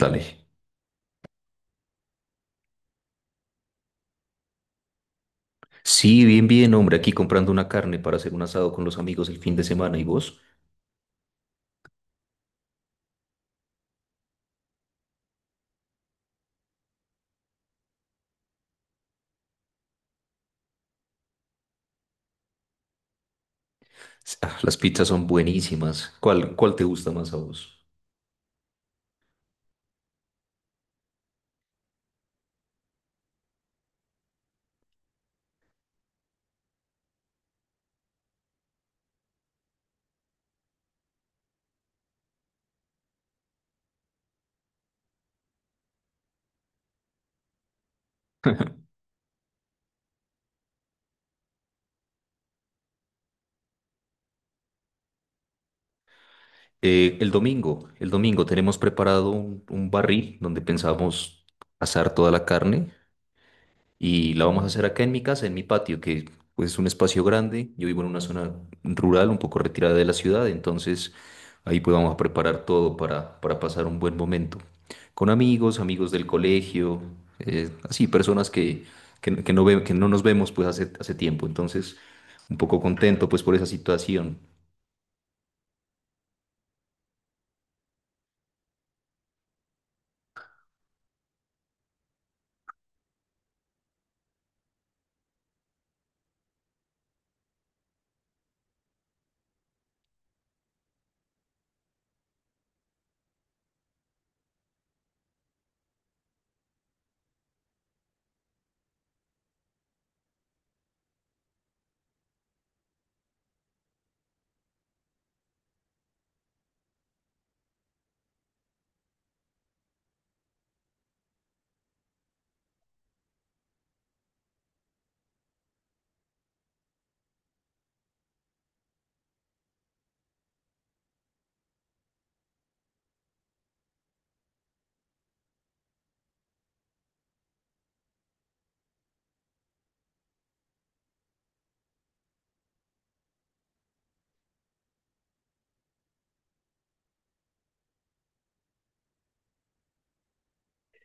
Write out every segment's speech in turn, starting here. Dale. Sí, bien, bien, hombre, aquí comprando una carne para hacer un asado con los amigos el fin de semana. ¿Y vos? Ah, las pizzas son buenísimas. ¿Cuál te gusta más a vos? El domingo tenemos preparado un barril donde pensamos asar toda la carne. Y la vamos a hacer acá en mi casa, en mi patio, que pues, es un espacio grande. Yo vivo en una zona rural, un poco retirada de la ciudad, entonces ahí pues vamos a preparar todo para pasar un buen momento. Con amigos, amigos del colegio, así, personas que no nos vemos pues hace tiempo. Entonces, un poco contento pues por esa situación.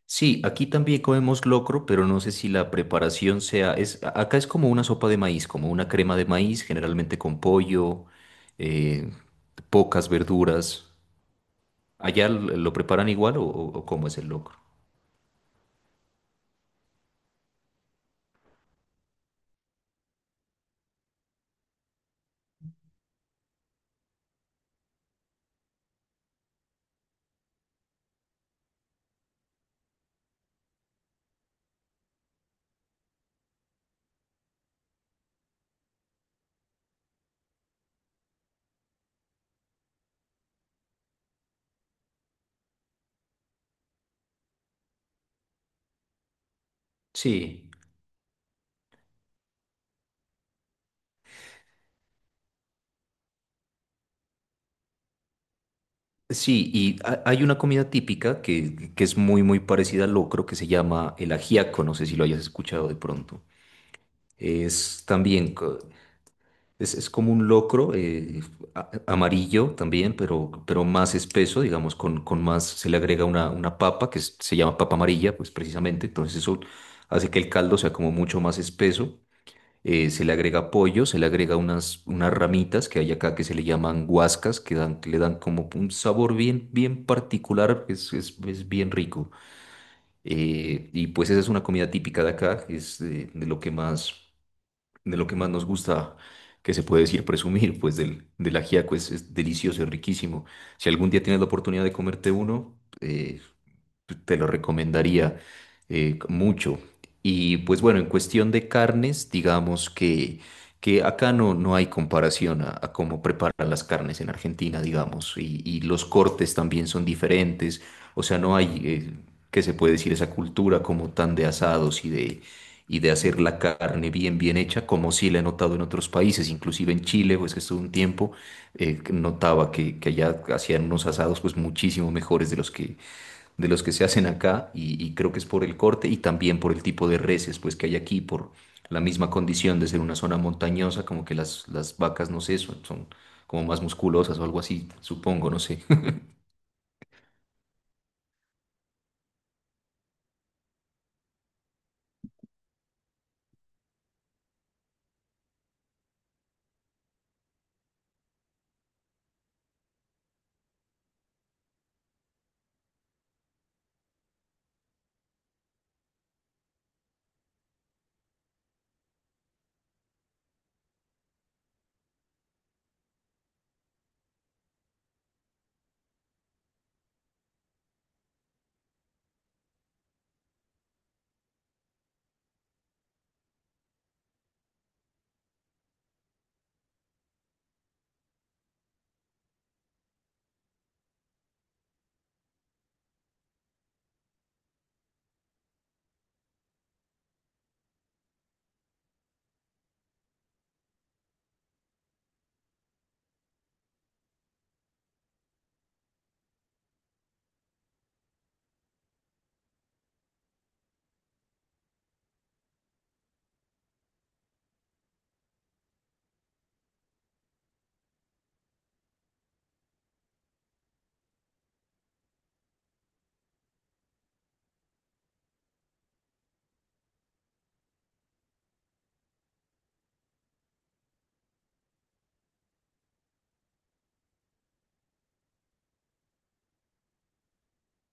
Sí, aquí también comemos locro, pero no sé si la preparación es, acá es como una sopa de maíz, como una crema de maíz, generalmente con pollo, eh, pocas verduras. ¿Allá lo preparan igual o cómo es el locro? Sí, sí, y hay una comida típica que es muy, muy parecida al locro, que se llama el ajiaco, no sé si lo hayas escuchado de pronto. Es también co- es como un locro amarillo también, pero más espeso, digamos, con más, se le agrega una papa que se llama papa amarilla, pues precisamente, entonces eso hace que el caldo sea como mucho más espeso. Se le agrega pollo, se le agrega unas ramitas que hay acá que se le llaman guascas, que dan, que le dan como un sabor bien, bien particular, que es bien rico. Y pues esa es una comida típica de acá, es de lo que más de lo que más nos gusta, que se puede decir presumir, pues del ajiaco es delicioso, es riquísimo. Si algún día tienes la oportunidad de comerte uno, te lo recomendaría mucho. Y pues bueno, en cuestión de carnes, digamos que acá no, no hay comparación a cómo preparan las carnes en Argentina, digamos, y los cortes también son diferentes, o sea, no hay, ¿qué se puede decir? Esa cultura como tan de asados y de hacer la carne bien, bien hecha, como sí la he notado en otros países, inclusive en Chile, pues que estuve un tiempo, notaba que allá hacían unos asados pues muchísimo mejores de los que se hacen acá y creo que es por el corte y también por el tipo de reses pues que hay aquí, por la misma condición de ser una zona montañosa, como que las vacas, no sé, son, son como más musculosas o algo así, supongo, no sé.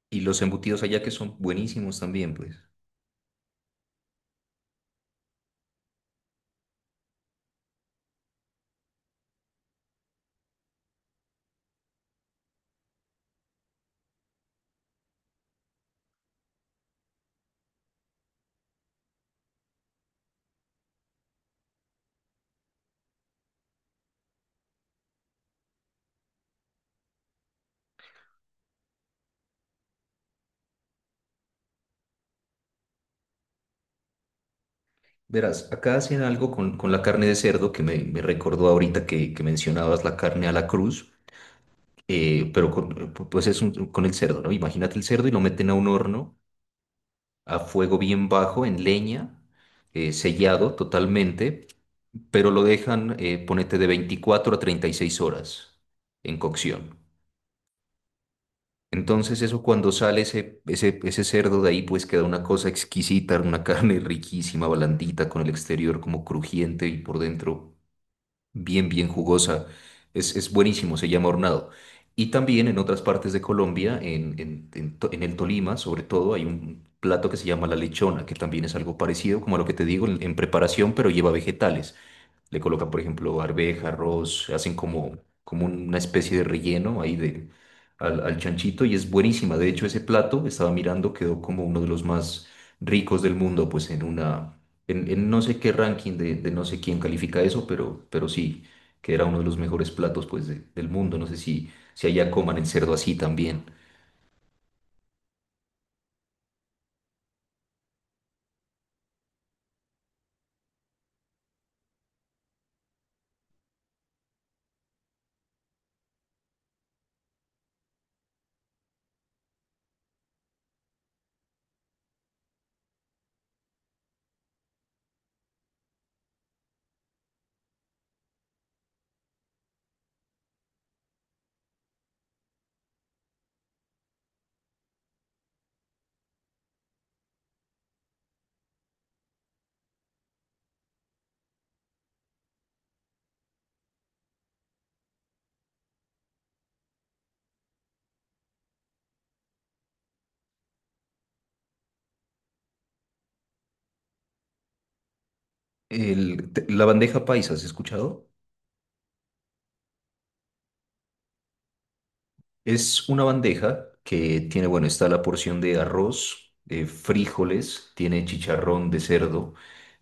Y los embutidos allá que son buenísimos también, pues. Verás, acá hacen algo con la carne de cerdo que me recordó ahorita que mencionabas la carne a la cruz, pero con, pues es con el cerdo, ¿no? Imagínate el cerdo y lo meten a un horno a fuego bien bajo, en leña, sellado totalmente, pero lo dejan, ponete, de 24 a 36 horas en cocción. Entonces eso cuando sale ese cerdo de ahí, pues queda una cosa exquisita, una carne riquísima, blandita, con el exterior como crujiente y por dentro bien, bien jugosa. Es buenísimo, se llama hornado. Y también en otras partes de Colombia, en en el Tolima, sobre todo, hay un plato que se llama la lechona, que también es algo parecido, como a lo que te digo, en preparación, pero lleva vegetales. Le colocan, por ejemplo, arveja, arroz, hacen como una especie de relleno ahí de, al chanchito y es buenísima. De hecho, ese plato, estaba mirando, quedó como uno de los más ricos del mundo, pues en una, en no sé qué ranking de no sé quién califica eso, pero sí, que era uno de los mejores platos, pues, del mundo. No sé si, si allá coman el cerdo así también. La bandeja paisa, ¿has escuchado? Es una bandeja que tiene, bueno, está la porción de arroz, frijoles, tiene chicharrón de cerdo,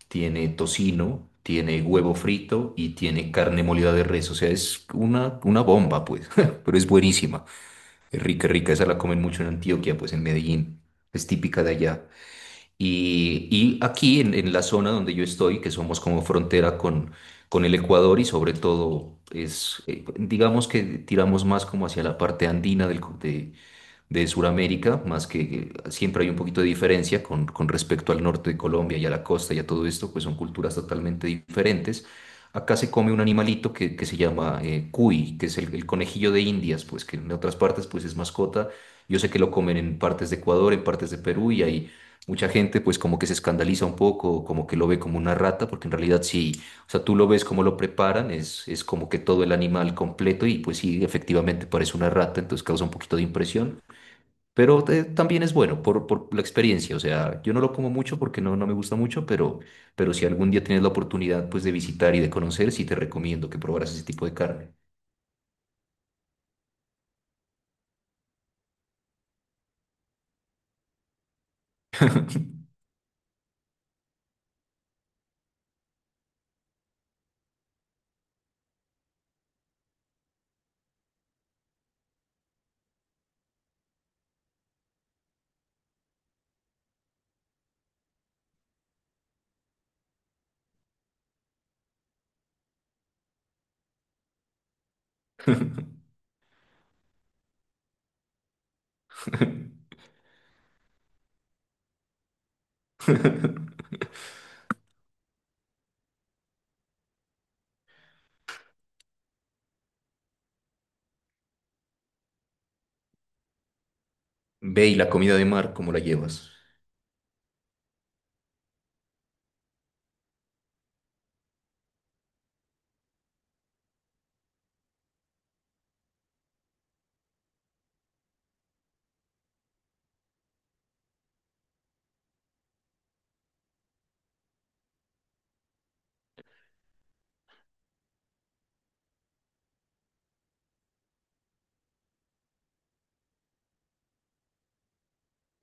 tiene tocino, tiene huevo frito y tiene carne molida de res. O sea, es una bomba, pues, pero es buenísima. Es rica, rica. Esa la comen mucho en Antioquia, pues en Medellín. Es típica de allá. Y aquí en la zona donde yo estoy, que somos como frontera con el Ecuador y sobre todo es, digamos que tiramos más como hacia la parte andina de Sudamérica, más que siempre hay un poquito de diferencia con respecto al norte de Colombia y a la costa y a todo esto, pues son culturas totalmente diferentes. Acá se come un animalito que se llama cuy, que es el conejillo de Indias, pues que en otras partes pues es mascota. Yo sé que lo comen en partes de Ecuador, en partes de Perú y hay mucha gente pues como que se escandaliza un poco, como que lo ve como una rata, porque en realidad sí, o sea, tú lo ves como lo preparan, es como que todo el animal completo y pues sí, efectivamente parece una rata, entonces causa un poquito de impresión. Pero también es bueno por la experiencia. O sea, yo no lo como mucho porque no, no me gusta mucho, pero si algún día tienes la oportunidad pues de visitar y de conocer, sí te recomiendo que probaras ese tipo de carne. Ve y la comida de mar, ¿cómo la llevas?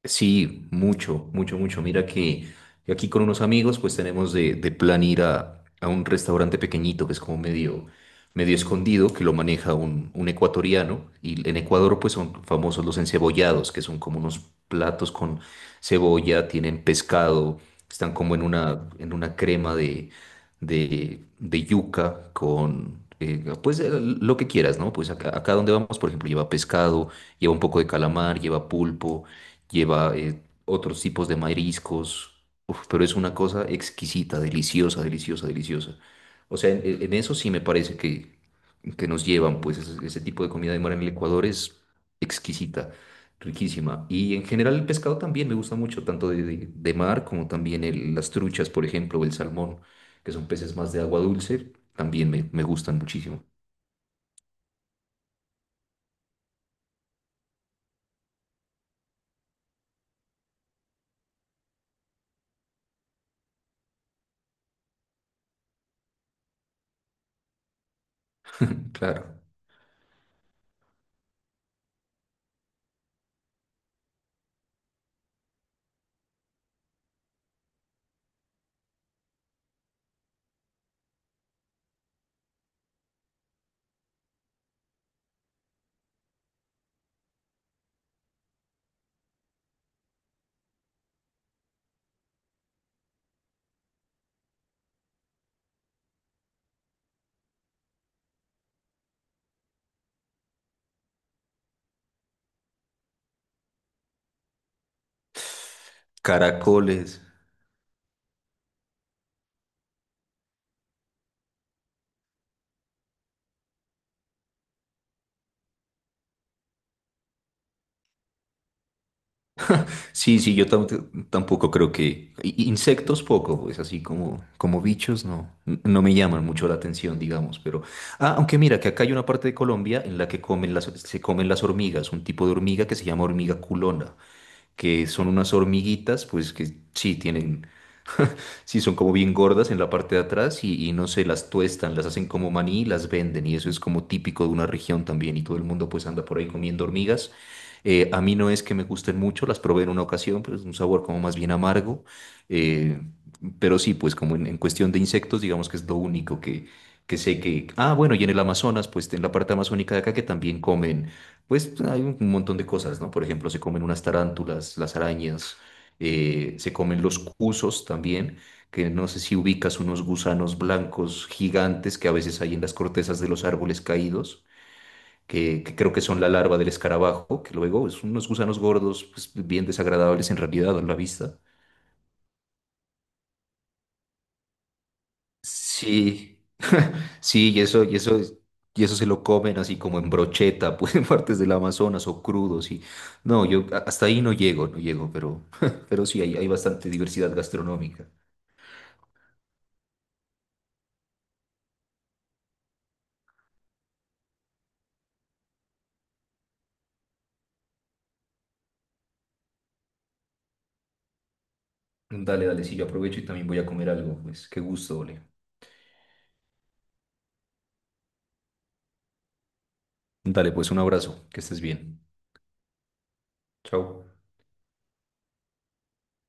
Sí, mucho, mucho, mucho. Mira que aquí con unos amigos pues tenemos de plan ir a un restaurante pequeñito que es como medio, medio escondido, que lo maneja un ecuatoriano. Y en Ecuador pues son famosos los encebollados, que son como unos platos con cebolla, tienen pescado, están como en una crema de yuca con pues lo que quieras, ¿no? Pues acá, acá donde vamos, por ejemplo, lleva pescado, lleva un poco de calamar, lleva pulpo, lleva otros tipos de mariscos. Uf, pero es una cosa exquisita, deliciosa, deliciosa, deliciosa. O sea, en eso sí me parece que nos llevan, pues ese tipo de comida de mar en el Ecuador es exquisita, riquísima. Y en general el pescado también me gusta mucho, tanto de, de mar como también las truchas, por ejemplo, o el salmón, que son peces más de agua dulce, también me gustan muchísimo. Claro. Caracoles. Sí, sí, yo tampoco creo que insectos poco, pues así como, como bichos no, no me llaman mucho la atención, digamos, pero… Ah, aunque mira que acá hay una parte de Colombia en la que comen las, se comen las hormigas, un tipo de hormiga que se llama hormiga culona, que son unas hormiguitas, pues que sí, tienen sí son como bien gordas en la parte de atrás y no sé, las tuestan, las hacen como maní y las venden y eso es como típico de una región también y todo el mundo pues anda por ahí comiendo hormigas. A mí no es que me gusten mucho, las probé en una ocasión, pero es un sabor como más bien amargo. eh, pero sí, pues como en cuestión de insectos, digamos que es lo único que sé que… Ah, bueno, y en el Amazonas, pues en la parte amazónica de acá que también comen, pues hay un montón de cosas, ¿no? Por ejemplo, se comen unas tarántulas, las arañas, se comen los cusos también que no sé si ubicas unos gusanos blancos gigantes que a veces hay en las cortezas de los árboles caídos, que creo que son la larva del escarabajo, que luego son unos gusanos gordos, pues, bien desagradables en realidad a la vista. Sí, sí, y eso, y eso, y eso se lo comen así como en brocheta, pues en partes del Amazonas o crudos. Y… No, yo hasta ahí no llego, no llego, pero, pero sí, hay bastante diversidad gastronómica. Dale, dale, sí, yo aprovecho y también voy a comer algo, pues qué gusto, Ole. Dale, pues un abrazo, que estés bien. Chao.